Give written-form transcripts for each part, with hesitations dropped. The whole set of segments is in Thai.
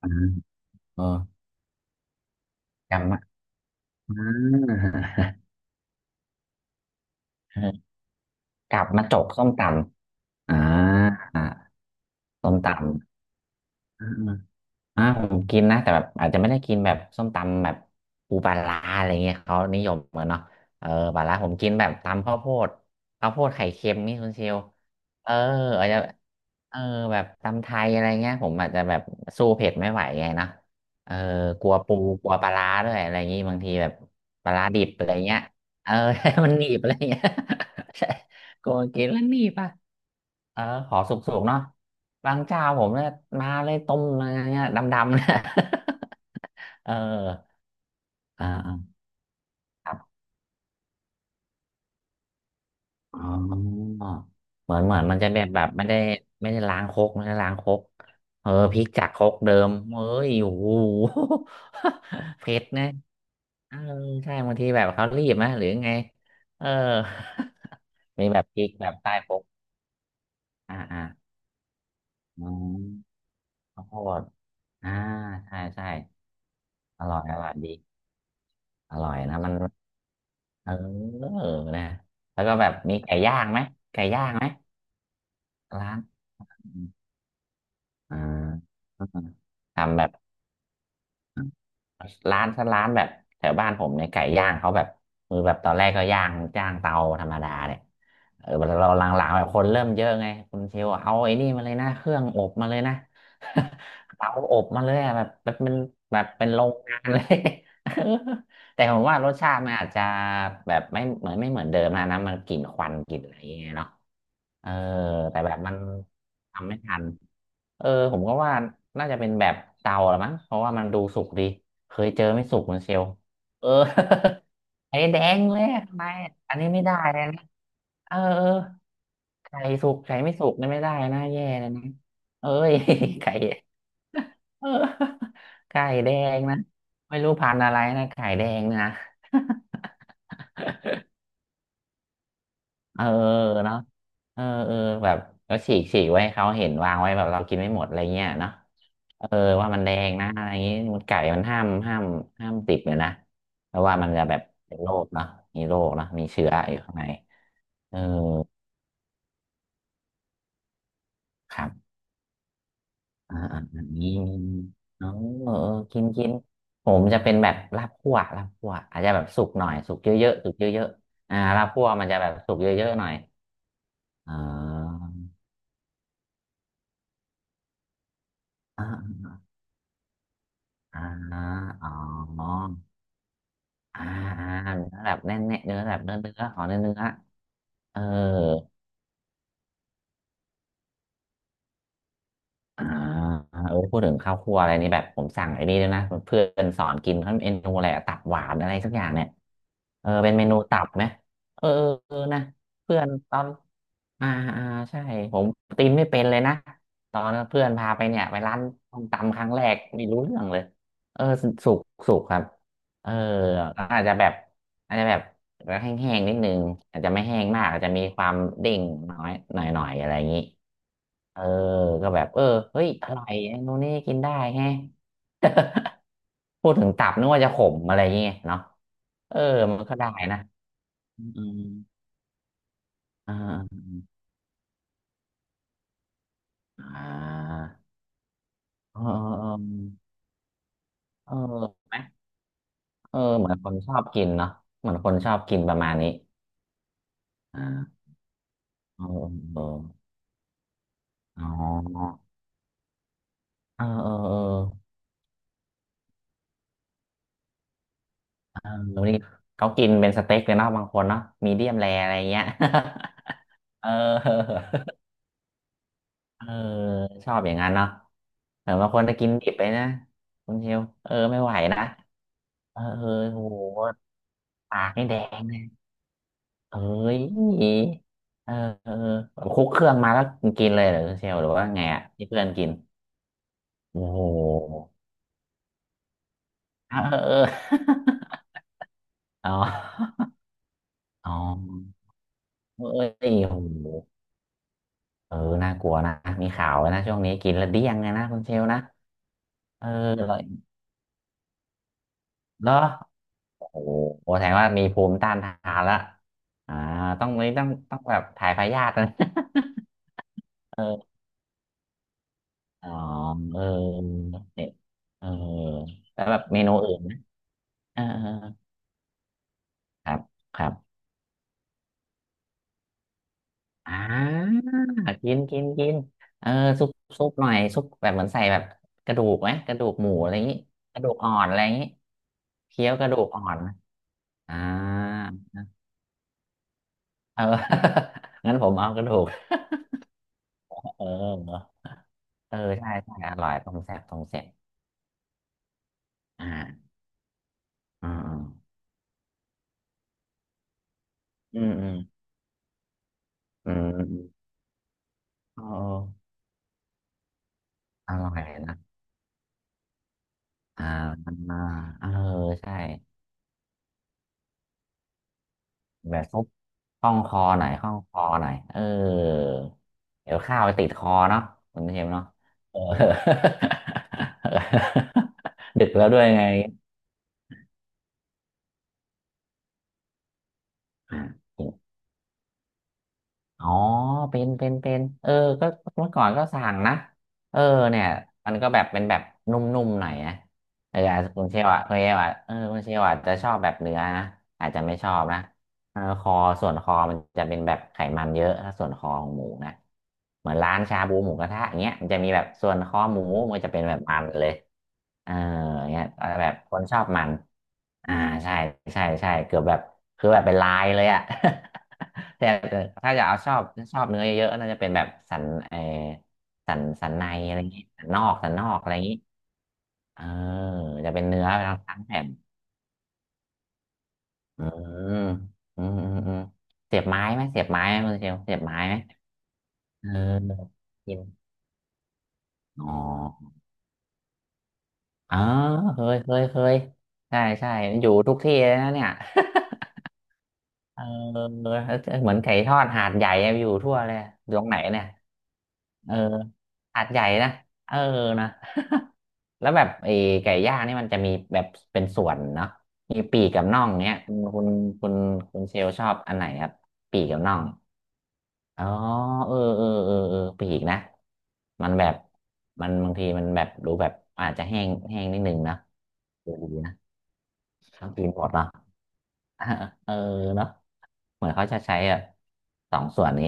อ่าเออกำมะอ่า อกับมาจกส้มตำอ่าอ่าำส้มตำอ่า อ่าผมกินนะแต่แบบอาจจะไม่ได้กินแบบส้มตำแบบปูปลาร้าอะไรเงี้ยเขานิยมเหมือนเนาะเออปลาร้าผมกินแบบตำข้าวโพดข้าวโพดไข่เค็มนี่คุณเชลเอออาจจะเออแบบตำไทยอะไรเงี้ยผมอาจจะแบบสู้เผ็ดไม่ไหวไงเนาะเออกลัวปูกลัวปลาร้าด้วยอะไรอย่างงี้บางทีแบบปลาร้าดิบอะไรเงี้ยเออ มันหนีบอะไรเงี้ย ใช่กลัวกินแล้วหนีบอ่ะ เออขอสุกๆเนาะบางเจ้าผมเนี่ยมาเลยต้มอะไรเงี้ยดำๆเนี่ย เอออ่าๆครับอ๋อเหมือนเหมือนมันจะแบบแบบไม่ได้ไม่ได้ล้างครกไม่ได้ล้างครกเออพริกจากครกเดิมเอ้ยโอ้โห เผ็ดนะเออใช่บางทีแบบเขารีบไหมหรือไงเออ มีแบบพริกแบบใต้ครกอ่าอ่าอืมข้าวโพดอ่าใช่ใช่อร่อยอร่อยดีอร่อยนะมัน เออนะแล้วก็แบบมีไก่ย่างไหมไก่ย่างไหมร้านอ่าทำแบบ ร้านถ้าร้านแบบแถวบ้านผมเนี่ยไก่ย่างเขาแบบมือแบบตอนแรกก็ย่างย่างเตาธรรมดาเนี่ยเออเราหลังๆแบบคนเริ่มเยอะไงคุณเชลเอาไอ้นี่มาเลยนะเครื่องอบมาเลยนะ เตาอบมาเลยอะแบบแบบเป็นแบบเป็นโรงงานเลย เออแต่ผมว่ารสชาติมันอาจจะแบบไม่เหมือนไม่เหมือนเดิมนะนะมันกลิ่นควันกลิ่นอะไรอย่างเงี้ยเนาะเออแต่แบบมันทำไม่ทัน เออผมก็ว่าน่าจะเป็นแบบเตาละมั้งเพราะว่ามันดูสุกดีเคยเจอไม่สุกเหมือนเชลล์เออ ไอ้แดงเลยทำไมอันนี้ไม่ได้เลยนะเออเออไก่สุกไก่ไม่สุกนี่ไม่ได้นะแย่เลยนะเอ้ย ไก่ เออ ไก่แดงนะไม่รู้พันธุ์อะไรนะไก่แดงนะ เออเนาะเออเออแบบแล้วฉีกฉีกไว้ให้เขาเห็นวางไว้แบบเรากินไม่หมดอะไรเงี้ยเนาะ เออว่ามันแดงนะอะไรอย่างนี้มันไก่มันห้ามห้ามห้ามติดเลยนะเพราะว่ามันจะแบบเป็นโรคเนาะมีโรคเนาะมีเชื้ออยู่ข้างในเออครับอ่าอ่าอันนี้มีเออเออกินกินผมจะเป็นแบบลาบคั่วลาบคั่วอาจจะแบบสุกหน่อยสุกเยอะๆสุกเยอะๆอ่าลาบคั่วมันจะแบบสุกเยอะๆหน่อยอ่าอ่าอออ๋ออ่าอ่าเนื้อแบบแน่นๆเนื้อแบบเนื้อเนื้อขอเนื้อเนื้อเออ อ่าเออพูดถึงข้าวคั่วอะไรนี่แบบผมสั่งไอ้นี่ด้วยนะเพื่อนสอนกินเขาเมนูอะไรอะตับหวานอะไรสักอย่างเนี่ยเออเป็นเมนูตับไหมเออเออเออนะเพื่อนตอนอ่าอ่าใช่ผมตีนไม่เป็นเลยนะตอนนั้นเพื่อนพาไปเนี่ยไปร้านส้มตำครั้งแรกไม่รู้เรื่องเลยเออสุกสุกครับเอออาจจะแบบอาจจะแบบแห้งๆนิดนึงอาจจะไม่แห้งมากอาจจะมีความเด้งน้อยหน่อยๆอะไรอย่างนี้ เออก็แบบเออเฮ้ยอร่อยโน่นนี่กินได้แฮะ พูดถึงตับนึกว่าจะขมอะไรอย่างเงี้ยเนาะเออมันก็ได้นะอืมอ่าอ่าเออเออเออไหมเออเหมือนคนชอบกินเนาะเหมือนคนชอบกินประมาณนี้อ่าเออเอออ๋อเออเออเออเออเดีนี้เขากินเป็นสเต็กเลยเนาะบางคนเนาะมีเดียมแรอะไรเงี้ย เออ เออชอบอย่างนั้นเนาะเหมือนบางคนจะกินดิบไปนะคุณเชลเออไม่ไหวนะเออเออโหปากให้แดงเลยเอ้ยเออเออแบบคลุกเครื่องมาแล้วกินเลยเหรอคุณเชลหรือว่าไงอ่ะที่เพื่อนกินโอ้โหเออเออ เอออ๋ออ๋อเอ้ยโอ้โหเออน่ากลัวนะมีข่าวไว้นะช่วงนี้กินแล้วเดี้ยงเลยนะคุณเชลนะเออเหรอ โอ้โหแสดงว่ามีภูมิต้านทานละอ่าต้องนี่ต้องต้องแบบถ่ายพยาธินะ เอออ๋อเออเนี่ยเออแล้วแบบเมนูอื่นนะเออเออครับครับอ่ากินกินกินเออซุปซุปหน่อยซุปแบบเหมือนใส่แบบกระดูกไหมกระดูกหมูอะไรอย่างนี้กระดูกอ่อนอะไรอย่างนี้เคี้ยวกระดูกอ่อนอ่าเออ งั้นผมเอากระดูกเออ เออใช่ใช่อร่อยต้มแซ่บต้มแซ่บอ่าอืมอืมอืมอืมอืมเออเอออร่อยนะอ่าอ่าเออใช่แบบซุปคล่องคอหน่อยคล่องคอหน่อยเออเดี๋ยวข้าวไปติดคอเนาะคุณเชมเนาะเออ ดึกแล้วด้วยไงอ่า อ๋อเป็นก็เมื่อก่อนก็สั่งนะเออเนี่ยมันก็แบบเป็นแบบนุ่มๆหน่อยนะเอออาจจะคุณเชลอ่ะเออคุณเชลอ่ะจะชอบแบบเนื้อนะอาจจะไม่ชอบนะ เออคอส่วนคอมันจะเป็นแบบไขมันเยอะถ้าส่วนคอของหมูนะเหมือนร้านชาบูหมูกระทะอย่างเงี้ยมันจะมีแบบส่วนคอหมูมันจะเป็นแบบมันเลยเออเงี้ยแบบคนชอบมันอ่าใช่ใช่ใช่เกือบแบบคือแบบเป็นลายเลยอะ แต่ถ้าจะเอาชอบชอบเนื้อเยอะๆน่าจะเป็นแบบสันเออสันสันในอะไรอย่างงี้สันนอกสันนอกอะไรอย่างงี้เออจะเป็นเนื้อทั้งแผ่น เออเออเสียบไม้ไหมเสียบไม้ไหมคุณเชลเสียบไม้ไหมเออกินอ๋ออ๋อเคยใช่ใช่อยู่ทุกที่เลยนะเนี่ย เออเหมือนไก่ทอดหาดใหญ่อะอยู่ทั่วเลยอยู่ตรงไหนเนี่ยเออหาดใหญ่นะเออนะ แล้วแบบไอ้ไก่ย่างนี่มันจะมีแบบเป็นส่วนเนาะมีปีกกับน่องเนี้ยคุณคุณเชลชอบอันไหนครับปีกกับน่อง อ๋อเออปีกนะมันแบบมันบางทีมันแบบดูแบบอาจจะแห้งแห้งนิดนึงนะเออดีนะกินหมดเนาะ เออเนาะเหมือนเขาจะใช้แบบสองส่วนนี้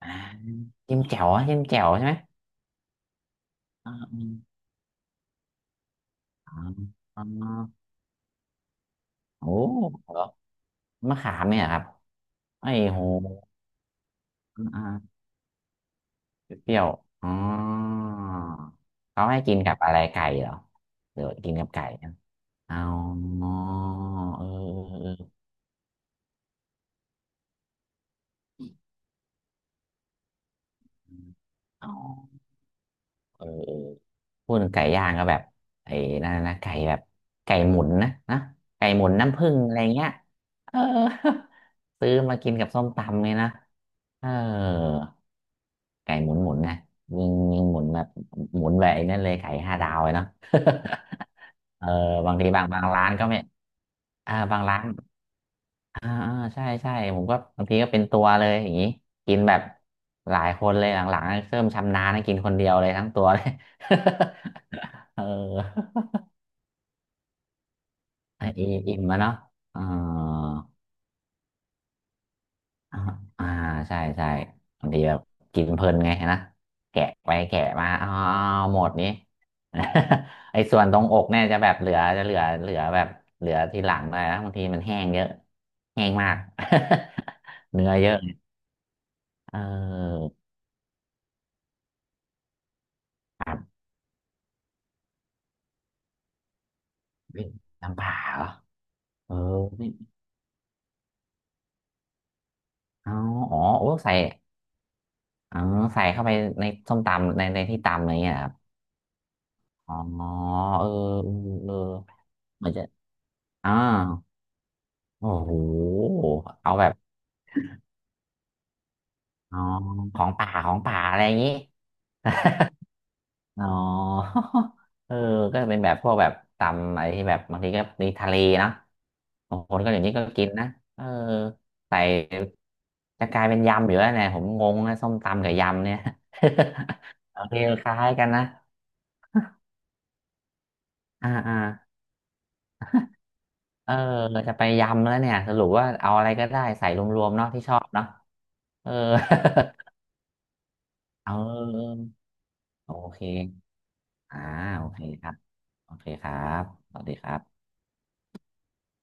อ่าจิ้มแจ่วอะจิ้มแจ่วใช่ไหมอ่าออ่าอ่าโอ้เหรอมะขามเนี่ยครับไอ้โหอ่าเปรี้ยวๆอ๋อเขาให้กินกับอะไรไก่เหรอเดี๋ยวกินกับไก่นะเอาเออเออ อ๋อเออพูดถึงไก่ย่างก็แบบไอ้นั่นนะไก่แบบไก่หมุนนะไก่หมุนน้ำผึ้งอะไรเงี้ยเออ ซื้อมากินกับส้มตำเลยนะเออไก่หมุนหมุนนะยิงหมุนแบบหมุนแบบไอ้นั่นเลยไก่ห้าดาวเลยเนาะ เออบางทีบางร้านก็ไม่อ่าบางร้าน อ่าใช่ผมก็บางทีก็เป็นตัวเลยอย่างนี้กินแบบหลายคนเลยหลังๆเริ่มชำนาญนะกินคนเดียวเลยทั้งตัวเลย เอออ่ะอิ่มมาเนาะอ่าอ่าอ่าใช่ใช่บางทีแบบกินเพลินไงนะแกะไปแกะมาอ้าวหมดนี้ ไอ้ส่วนตรงอกเนี่ยจะแบบเหลือจะเหลือแบบเหลือทีหลังเลยนะบางทีมันแห้งเยอะแห้งมาก เนื้อเยอะเออ เฮ้ยน้ำปลาเหรอเออไม่เอาอ๋อโอ้ใส่อ๋อ ใส่เข้าไปในส้มตำในที่ตำอะไรเงี้ยเหรอครับอ๋อเออเออเหมือนจะอ่าโอ้โหเอาแบบ อ๋อ ของป่าอะไรอย่างงี้ อ๋อ เออก็เป็นแบบพวกแบบตำอะไรที่แบบบางทีก็มีทะเลนะบางคนก็อย่างนี้ก็กินนะเออใส่จะกลายเป็นยำอยู่แล้วเนี่ยผมงงนะส้มตำกับยำเนี่ย โอเคคล้ายกันนะอ่าเออจะไปยำแล้วเนี่ยสรุปว่าเอาอะไรก็ได้ใส่รวมๆเนาะที่ชอบเนาะเออ เออโอเคอ่าโอเคครับโอเคครับสวัสดีครับ